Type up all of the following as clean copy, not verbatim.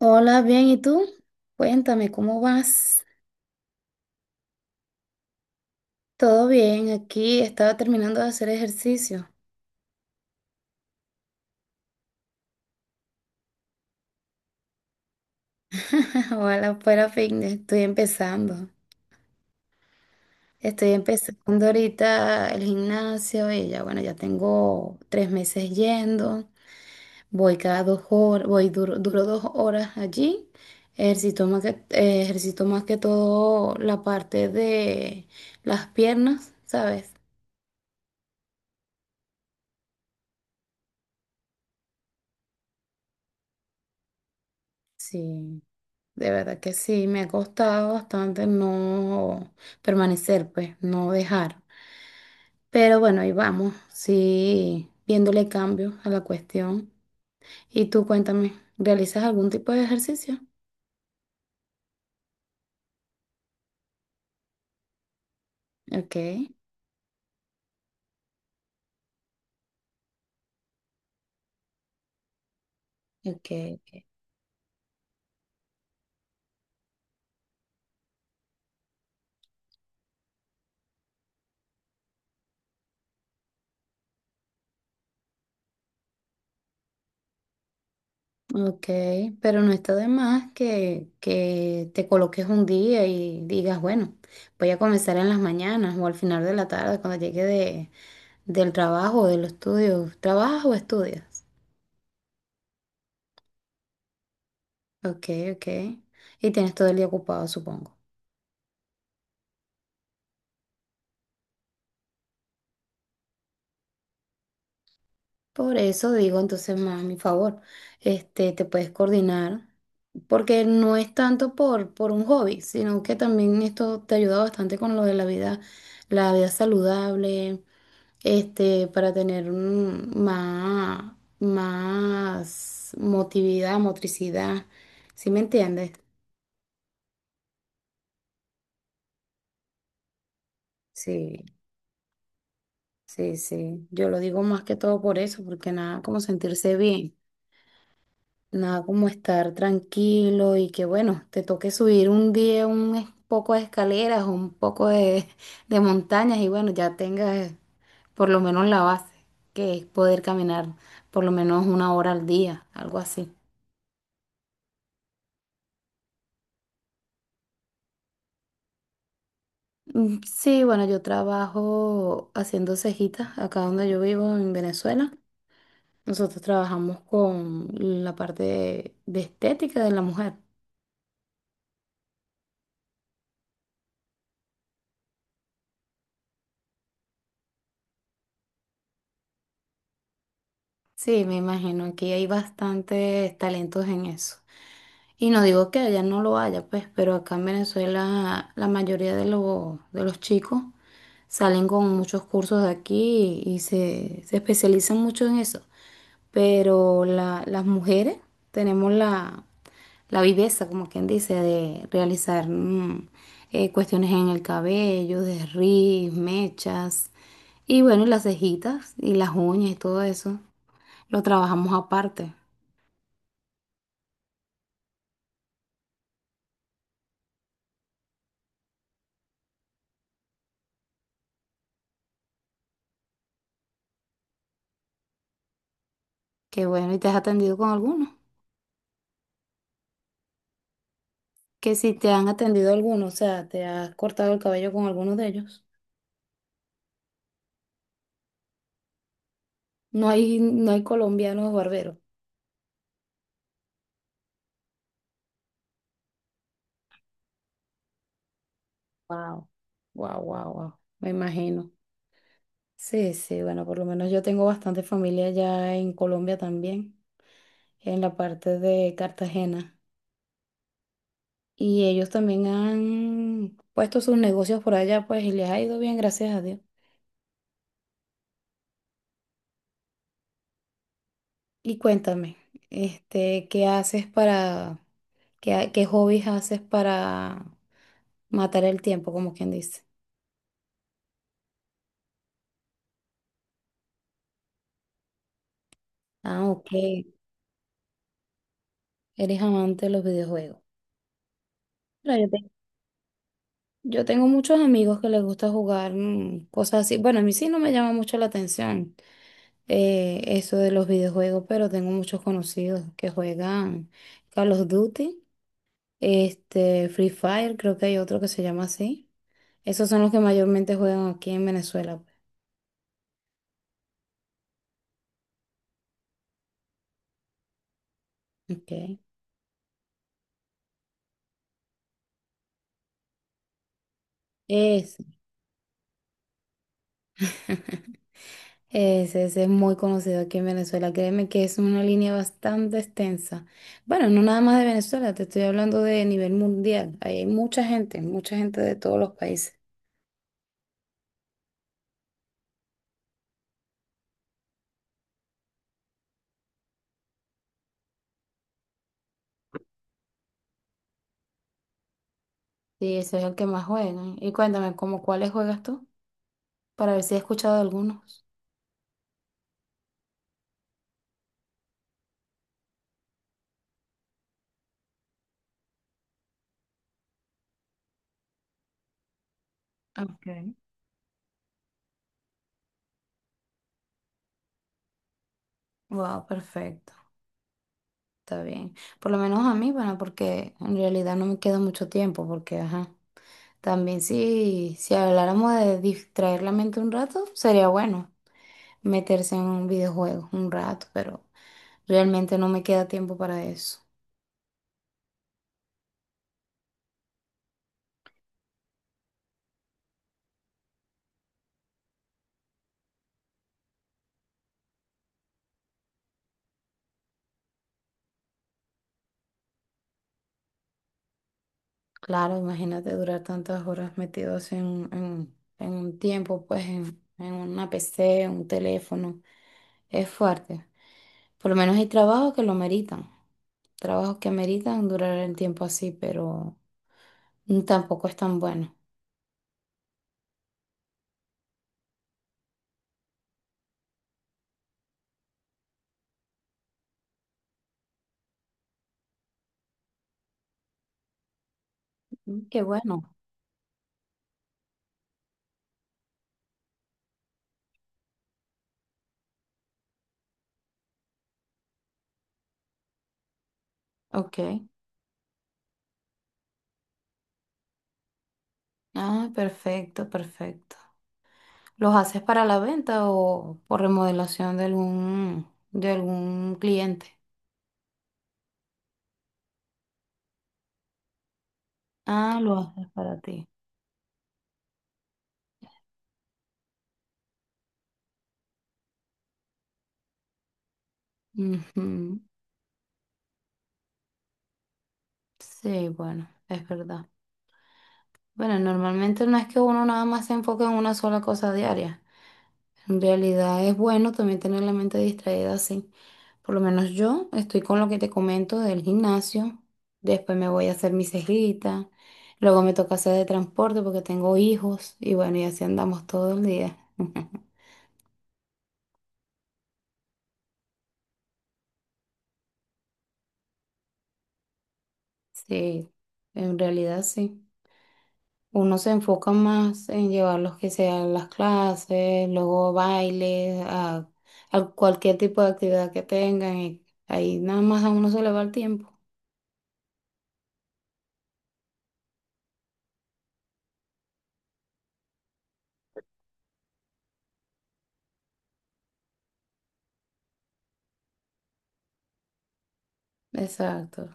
Hola, bien, ¿y tú? Cuéntame, ¿cómo vas? Todo bien, aquí estaba terminando de hacer ejercicio. Ojalá fuera fitness, estoy empezando. Estoy empezando ahorita el gimnasio y ya, bueno, ya tengo 3 meses yendo. Voy cada 2 horas, voy duro, duro 2 horas allí. Ejercito más que todo la parte de las piernas, ¿sabes? Sí. De verdad que sí, me ha costado bastante no permanecer, pues, no dejar. Pero bueno, ahí vamos, sí, viéndole cambios a la cuestión. Y tú cuéntame, ¿realizas algún tipo de ejercicio? Ok, ok, ok, pero no está de más que te coloques un día y digas, bueno, voy a comenzar en las mañanas o al final de la tarde cuando llegue del trabajo o de los estudios. ¿Trabajas o estudias? Ok, ok. Y tienes todo el día ocupado, supongo. Por eso digo, entonces, más a mi favor, este, te puedes coordinar, porque no es tanto por un hobby, sino que también esto te ayuda bastante con lo de la vida saludable, este, para tener más motricidad, ¿sí me entiendes? Sí, sí, sí. Yo lo digo más que todo por eso, porque nada como sentirse bien. Nada como estar tranquilo y que bueno, te toque subir un día un poco de escaleras o un poco de, de montañas y bueno, ya tengas por lo menos la base, que es poder caminar por lo menos 1 hora al día, algo así. Mm, sí, bueno, yo trabajo haciendo cejitas acá donde yo vivo en Venezuela. Nosotros trabajamos con la parte de estética de la mujer. Sí, me imagino que hay bastantes talentos en eso. Y no digo que allá no lo haya, pues, pero acá en Venezuela la mayoría de los chicos salen con muchos cursos de aquí y se especializan mucho en eso. Pero la- las mujeres tenemos la viveza, como quien dice, de realizar cuestiones en el cabello, desriz, mechas, y bueno, y las cejitas y las uñas y todo eso. Lo trabajamos aparte. Qué bueno, ¿y te has atendido con alguno? Que si te han atendido alguno, o sea, te has cortado el cabello con alguno de ellos. No hay, no hay colombianos barberos. Wow, wow, wow, wow. Me imagino. Sí, sí, bueno, por lo menos yo tengo bastante familia ya en Colombia también, en la parte de Cartagena. Y ellos también han puesto sus negocios por allá, pues, y les ha ido bien, gracias a Dios. Y cuéntame, este, ¿ qué hobbies haces para matar el tiempo, como quien dice? Ah, ok. Eres amante de los videojuegos. Pero yo tengo muchos amigos que les gusta jugar mm, cosas así. Bueno, a mí sí no me llama mucho la atención eso de los videojuegos, pero tengo muchos conocidos que juegan Call of Duty, este, Free Fire, creo que hay otro que se llama así. Esos son los que mayormente juegan aquí en Venezuela. Pues. Ok. Ese. Ese es muy conocido aquí en Venezuela. Créeme que es una línea bastante extensa. Bueno, no nada más de Venezuela, te estoy hablando de nivel mundial. Ahí hay mucha gente de todos los países. Sí, ese es el que más juegan. Y cuéntame, ¿cómo cuáles juegas tú? Para ver si he escuchado de algunos. Okay. Wow, perfecto. Está bien. Por lo menos a mí, bueno, porque en realidad no me queda mucho tiempo, porque, ajá. También si habláramos de distraer la mente un rato, sería bueno. Meterse en un videojuego un rato, pero realmente no me queda tiempo para eso. Claro, imagínate durar tantas horas metidos en un tiempo, pues en una PC, en un teléfono. Es fuerte. Por lo menos hay trabajos que lo meritan. Trabajos que meritan durar el tiempo así, pero tampoco es tan bueno. Mm, qué bueno. Ok. Ah, perfecto, perfecto. ¿Los haces para la venta o por remodelación de algún cliente? Ah, lo haces para ti. Ujú. Sí, bueno, es verdad. Bueno, normalmente no es que uno nada más se enfoque en una sola cosa diaria. En realidad es bueno también tener la mente distraída así. Por lo menos yo estoy con lo que te comento del gimnasio. Después me voy a hacer mi cejita. Luego me toca hacer de transporte porque tengo hijos. Y bueno, y así andamos todo el día. Sí, en realidad sí. Uno se enfoca más en llevarlos que sean las clases, luego bailes, a cualquier tipo de actividad que tengan y ahí nada más a uno se le va el tiempo. Exacto.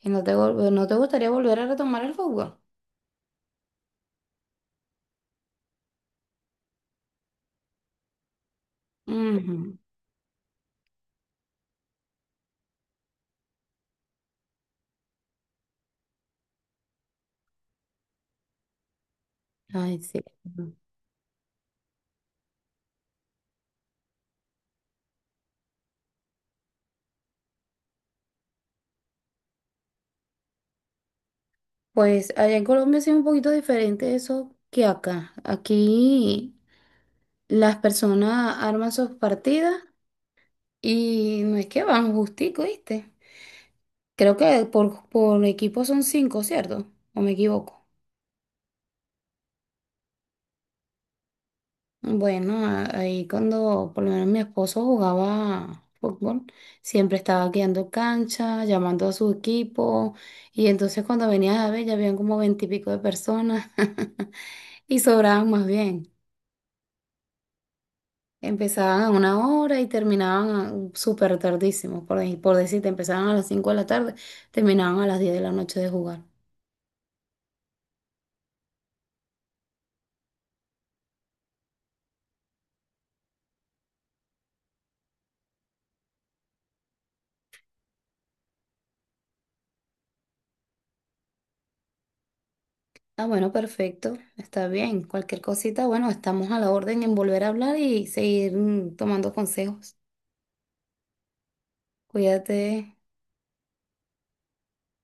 ¿Y no te gustaría volver a retomar el fútbol? Ujú. Ay, sí. Ujú. Pues allá en Colombia sí es un poquito diferente eso que acá. Aquí las personas arman sus partidas y no es que van justico, ¿viste? Creo que por equipo son 5, ¿cierto? ¿O me equivoco? Bueno, ahí cuando por lo menos mi esposo jugaba fútbol, siempre estaba guiando cancha, llamando a su equipo, y entonces cuando venías a ver ya habían como veintipico de personas y sobraban más bien. Empezaban a una hora y terminaban súper tardísimo, por decirte, empezaban a las 5 de la tarde, terminaban a las 10 de la noche de jugar. Ah, bueno, perfecto, está bien. Cualquier cosita, bueno, estamos a la orden en volver a hablar y seguir tomando consejos. Cuídate.